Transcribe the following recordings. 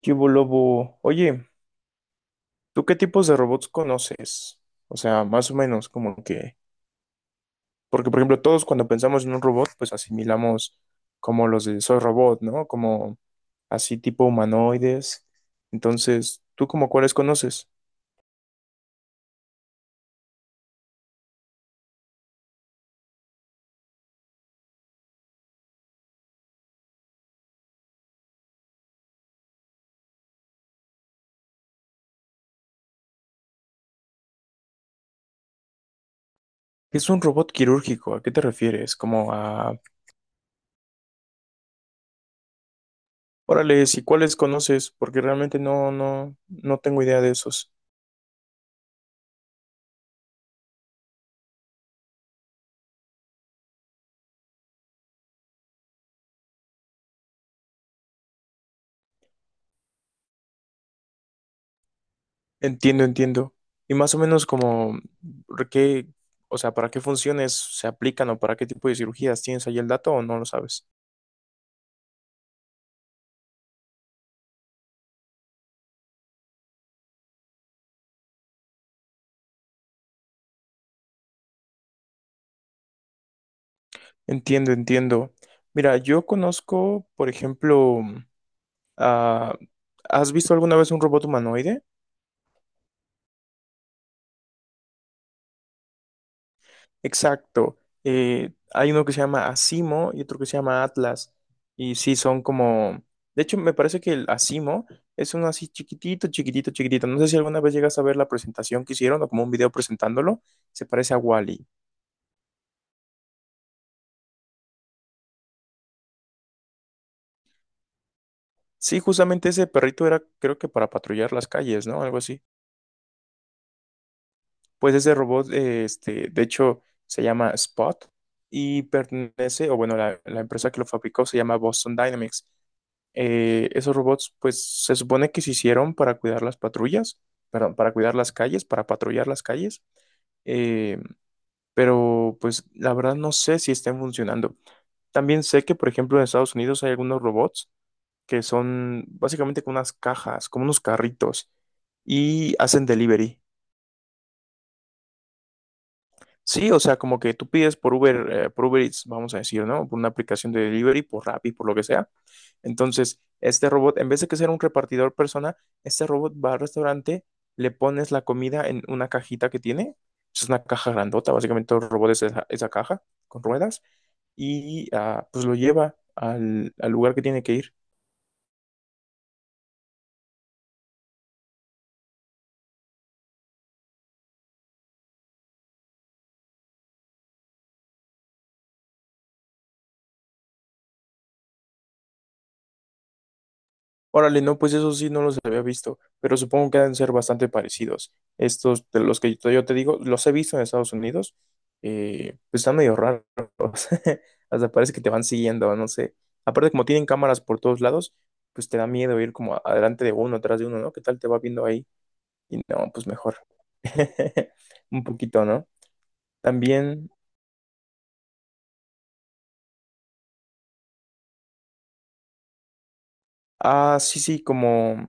¿Qué hubo, Lobo? Oye, ¿tú qué tipos de robots conoces? O sea, más o menos como que... Porque, por ejemplo, todos cuando pensamos en un robot, pues asimilamos como los de Soy Robot, ¿no? Como así tipo humanoides. Entonces, ¿tú como cuáles conoces? ¿Qué es un robot quirúrgico? ¿A qué te refieres? Como a... Órale, ¿y cuáles conoces? Porque realmente no tengo idea de esos. Entiendo, entiendo. Y más o menos como, ¿por qué, o sea, ¿para qué funciones se aplican o para qué tipo de cirugías tienes ahí el dato o no lo sabes? Entiendo, entiendo. Mira, yo conozco, por ejemplo, ah, ¿has visto alguna vez un robot humanoide? Exacto. Hay uno que se llama Asimo y otro que se llama Atlas. Y sí, son como... De hecho, me parece que el Asimo es uno así chiquitito, chiquitito, chiquitito. No sé si alguna vez llegas a ver la presentación que hicieron o como un video presentándolo. Se parece a Wally. Sí, justamente ese perrito era, creo que para patrullar las calles, ¿no? Algo así. Pues ese robot, de hecho, se llama Spot y pertenece, o bueno, la empresa que lo fabricó se llama Boston Dynamics. Esos robots, pues se supone que se hicieron para cuidar las patrullas, perdón, para cuidar las calles, para patrullar las calles, eh, pero pues la verdad no sé si estén funcionando. También sé que, por ejemplo, en Estados Unidos hay algunos robots que son básicamente como unas cajas, como unos carritos y hacen delivery. Sí, o sea, como que tú pides por Uber Eats, vamos a decir, ¿no? Por una aplicación de delivery, por Rappi, por lo que sea. Entonces, este robot, en vez de que sea un repartidor persona, este robot va al restaurante, le pones la comida en una cajita que tiene. Es una caja grandota, básicamente todo el robot es esa caja con ruedas y ah, pues lo lleva al lugar que tiene que ir. Órale, no, pues eso sí no los había visto, pero supongo que deben ser bastante parecidos. Estos de los que yo te digo, los he visto en Estados Unidos, pues están medio raros. Hasta parece que te van siguiendo, no sé. Aparte, como tienen cámaras por todos lados, pues te da miedo ir como adelante de uno, atrás de uno, ¿no? ¿Qué tal te va viendo ahí? Y no, pues mejor. Un poquito, ¿no? También, ah, sí, sí, como,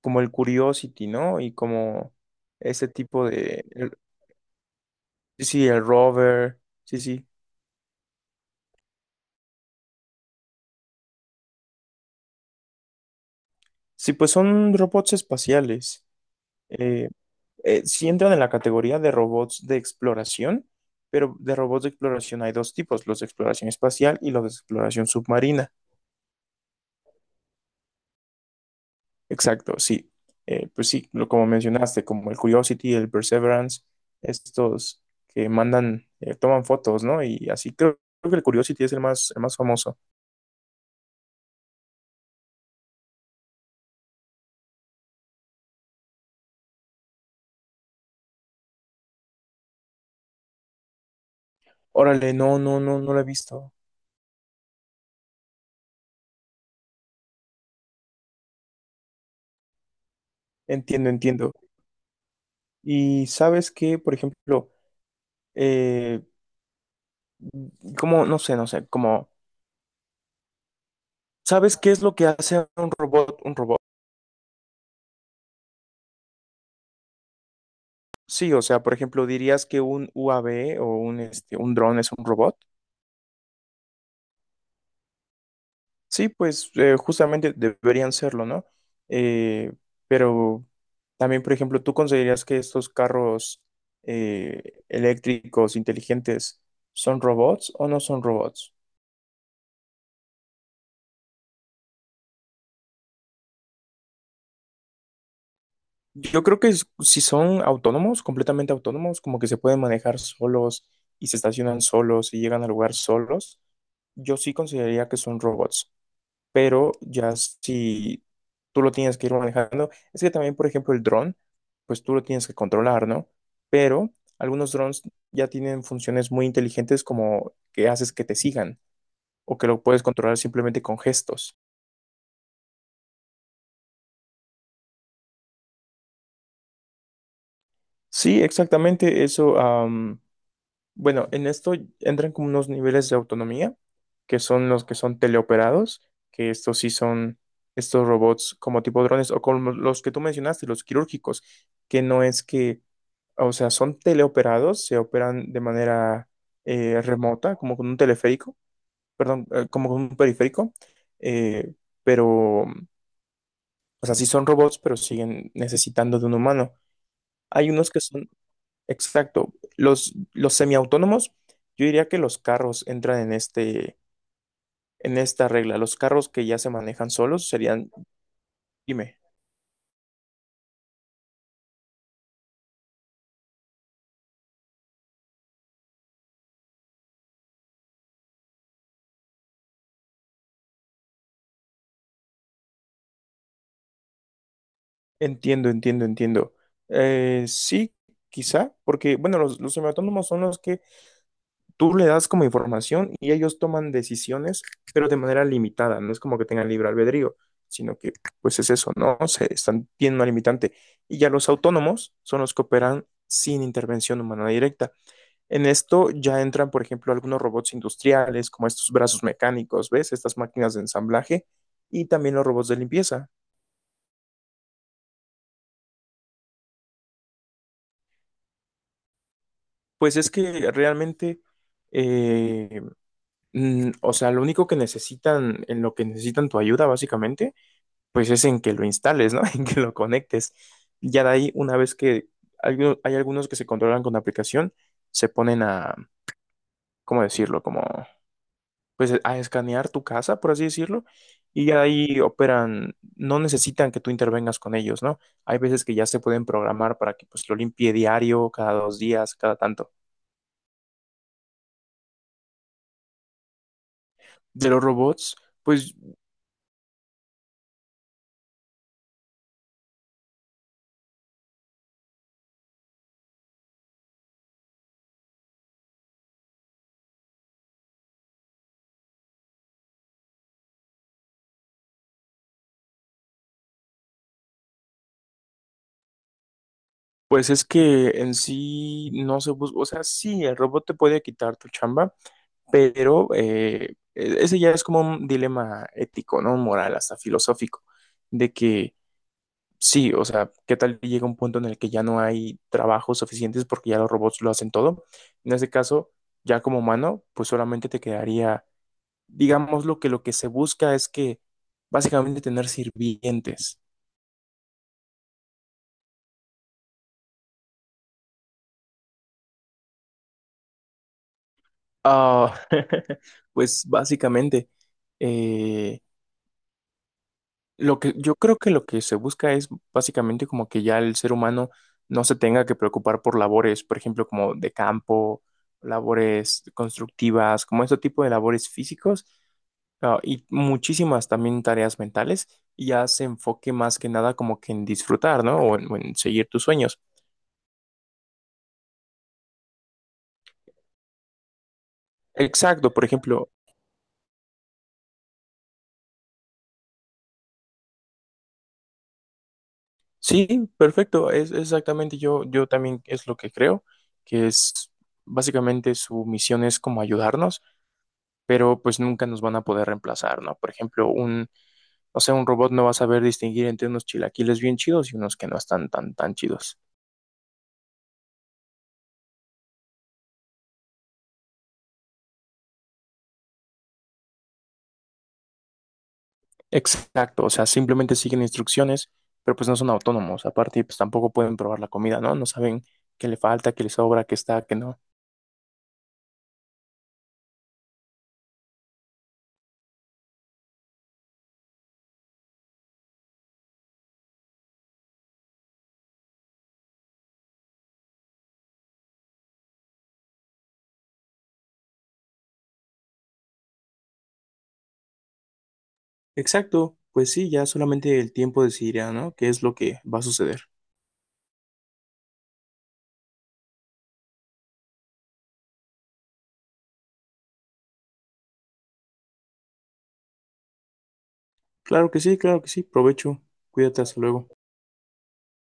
como el Curiosity, ¿no? Y como ese tipo de, sí, sí, el rover, sí, sí. Sí, pues son robots espaciales. Eh, sí entran en la categoría de robots de exploración, pero de robots de exploración hay dos tipos, los de exploración espacial y los de exploración submarina. Exacto, sí. Pues sí, lo, como mencionaste, como el Curiosity, el Perseverance, estos que mandan, toman fotos, ¿no? Y así creo, creo que el Curiosity es el más famoso. Órale, no, no, no, no lo he visto. Entiendo, entiendo. Y sabes que, por ejemplo, eh, como, no sé, no sé, como, ¿sabes qué es lo que hace un robot? Sí, o sea, por ejemplo, dirías que un UAV o un, este, un dron es un robot. Sí, pues justamente deberían serlo, ¿no? Eh, pero también, por ejemplo, ¿tú considerarías que estos carros eléctricos inteligentes son robots o no son robots? Yo creo que es- si son autónomos, completamente autónomos, como que se pueden manejar solos y se estacionan solos y llegan al lugar solos, yo sí consideraría que son robots. Pero ya si tú lo tienes que ir manejando, es que también, por ejemplo, el dron, pues tú lo tienes que controlar, ¿no? Pero algunos drones ya tienen funciones muy inteligentes como que haces que te sigan o que lo puedes controlar simplemente con gestos. Sí, exactamente, eso. Bueno, en esto entran como unos niveles de autonomía, que son los que son teleoperados, que estos sí son estos robots como tipo drones o como los que tú mencionaste, los quirúrgicos, que no es que, o sea, son teleoperados, se operan de manera remota, como con un teleférico, perdón, como con un periférico, eh, pero, o sea, sí son robots, pero siguen necesitando de un humano. Hay unos que son exacto. Los semiautónomos, yo diría que los carros entran en este, en esta regla. Los carros que ya se manejan solos serían, dime, entiendo, entiendo, entiendo. Sí, quizá, porque, bueno, los semiautónomos son los que tú le das como información y ellos toman decisiones, pero de manera limitada. No es como que tengan libre albedrío, sino que, pues es eso, ¿no? Se están, tienen una limitante. Y ya los autónomos son los que operan sin intervención humana directa. En esto ya entran, por ejemplo, algunos robots industriales, como estos brazos mecánicos, ¿ves? Estas máquinas de ensamblaje y también los robots de limpieza. Pues es que realmente, eh, o sea, lo único que necesitan, en lo que necesitan tu ayuda, básicamente, pues es en que lo instales, ¿no? En que lo conectes. Ya de ahí, una vez que hay, hay algunos que se controlan con la aplicación, se ponen a, ¿cómo decirlo? Como pues a escanear tu casa, por así decirlo, y ya ahí operan, no necesitan que tú intervengas con ellos, ¿no? Hay veces que ya se pueden programar para que pues lo limpie diario, cada dos días, cada tanto. De los robots, pues, pues es que en sí no se busca, o sea, sí, el robot te puede quitar tu chamba, pero ese ya es como un dilema ético, ¿no? Moral, hasta filosófico, de que sí, o sea, ¿qué tal que llega un punto en el que ya no hay trabajos suficientes porque ya los robots lo hacen todo? En ese caso, ya como humano, pues solamente te quedaría, digamos, lo que se busca es que básicamente tener sirvientes. Ah, pues básicamente, eh, lo que yo creo que lo que se busca es básicamente como que ya el ser humano no se tenga que preocupar por labores, por ejemplo, como de campo, labores constructivas, como este tipo de labores físicos. Ah, y muchísimas también tareas mentales y ya se enfoque más que nada como que en disfrutar, ¿no? O en seguir tus sueños. Exacto, por ejemplo, sí, perfecto, es exactamente yo, yo también es lo que creo, que es básicamente su misión es como ayudarnos, pero pues nunca nos van a poder reemplazar, ¿no? Por ejemplo, un, o sea, un robot no va a saber distinguir entre unos chilaquiles bien chidos y unos que no están tan, tan chidos. Exacto, o sea, simplemente siguen instrucciones, pero pues no son autónomos. Aparte, pues tampoco pueden probar la comida, ¿no? No saben qué le falta, qué le sobra, qué está, qué no. Exacto, pues sí, ya solamente el tiempo decidirá, ¿no? ¿Qué es lo que va a suceder? Claro que sí, provecho, cuídate, hasta luego.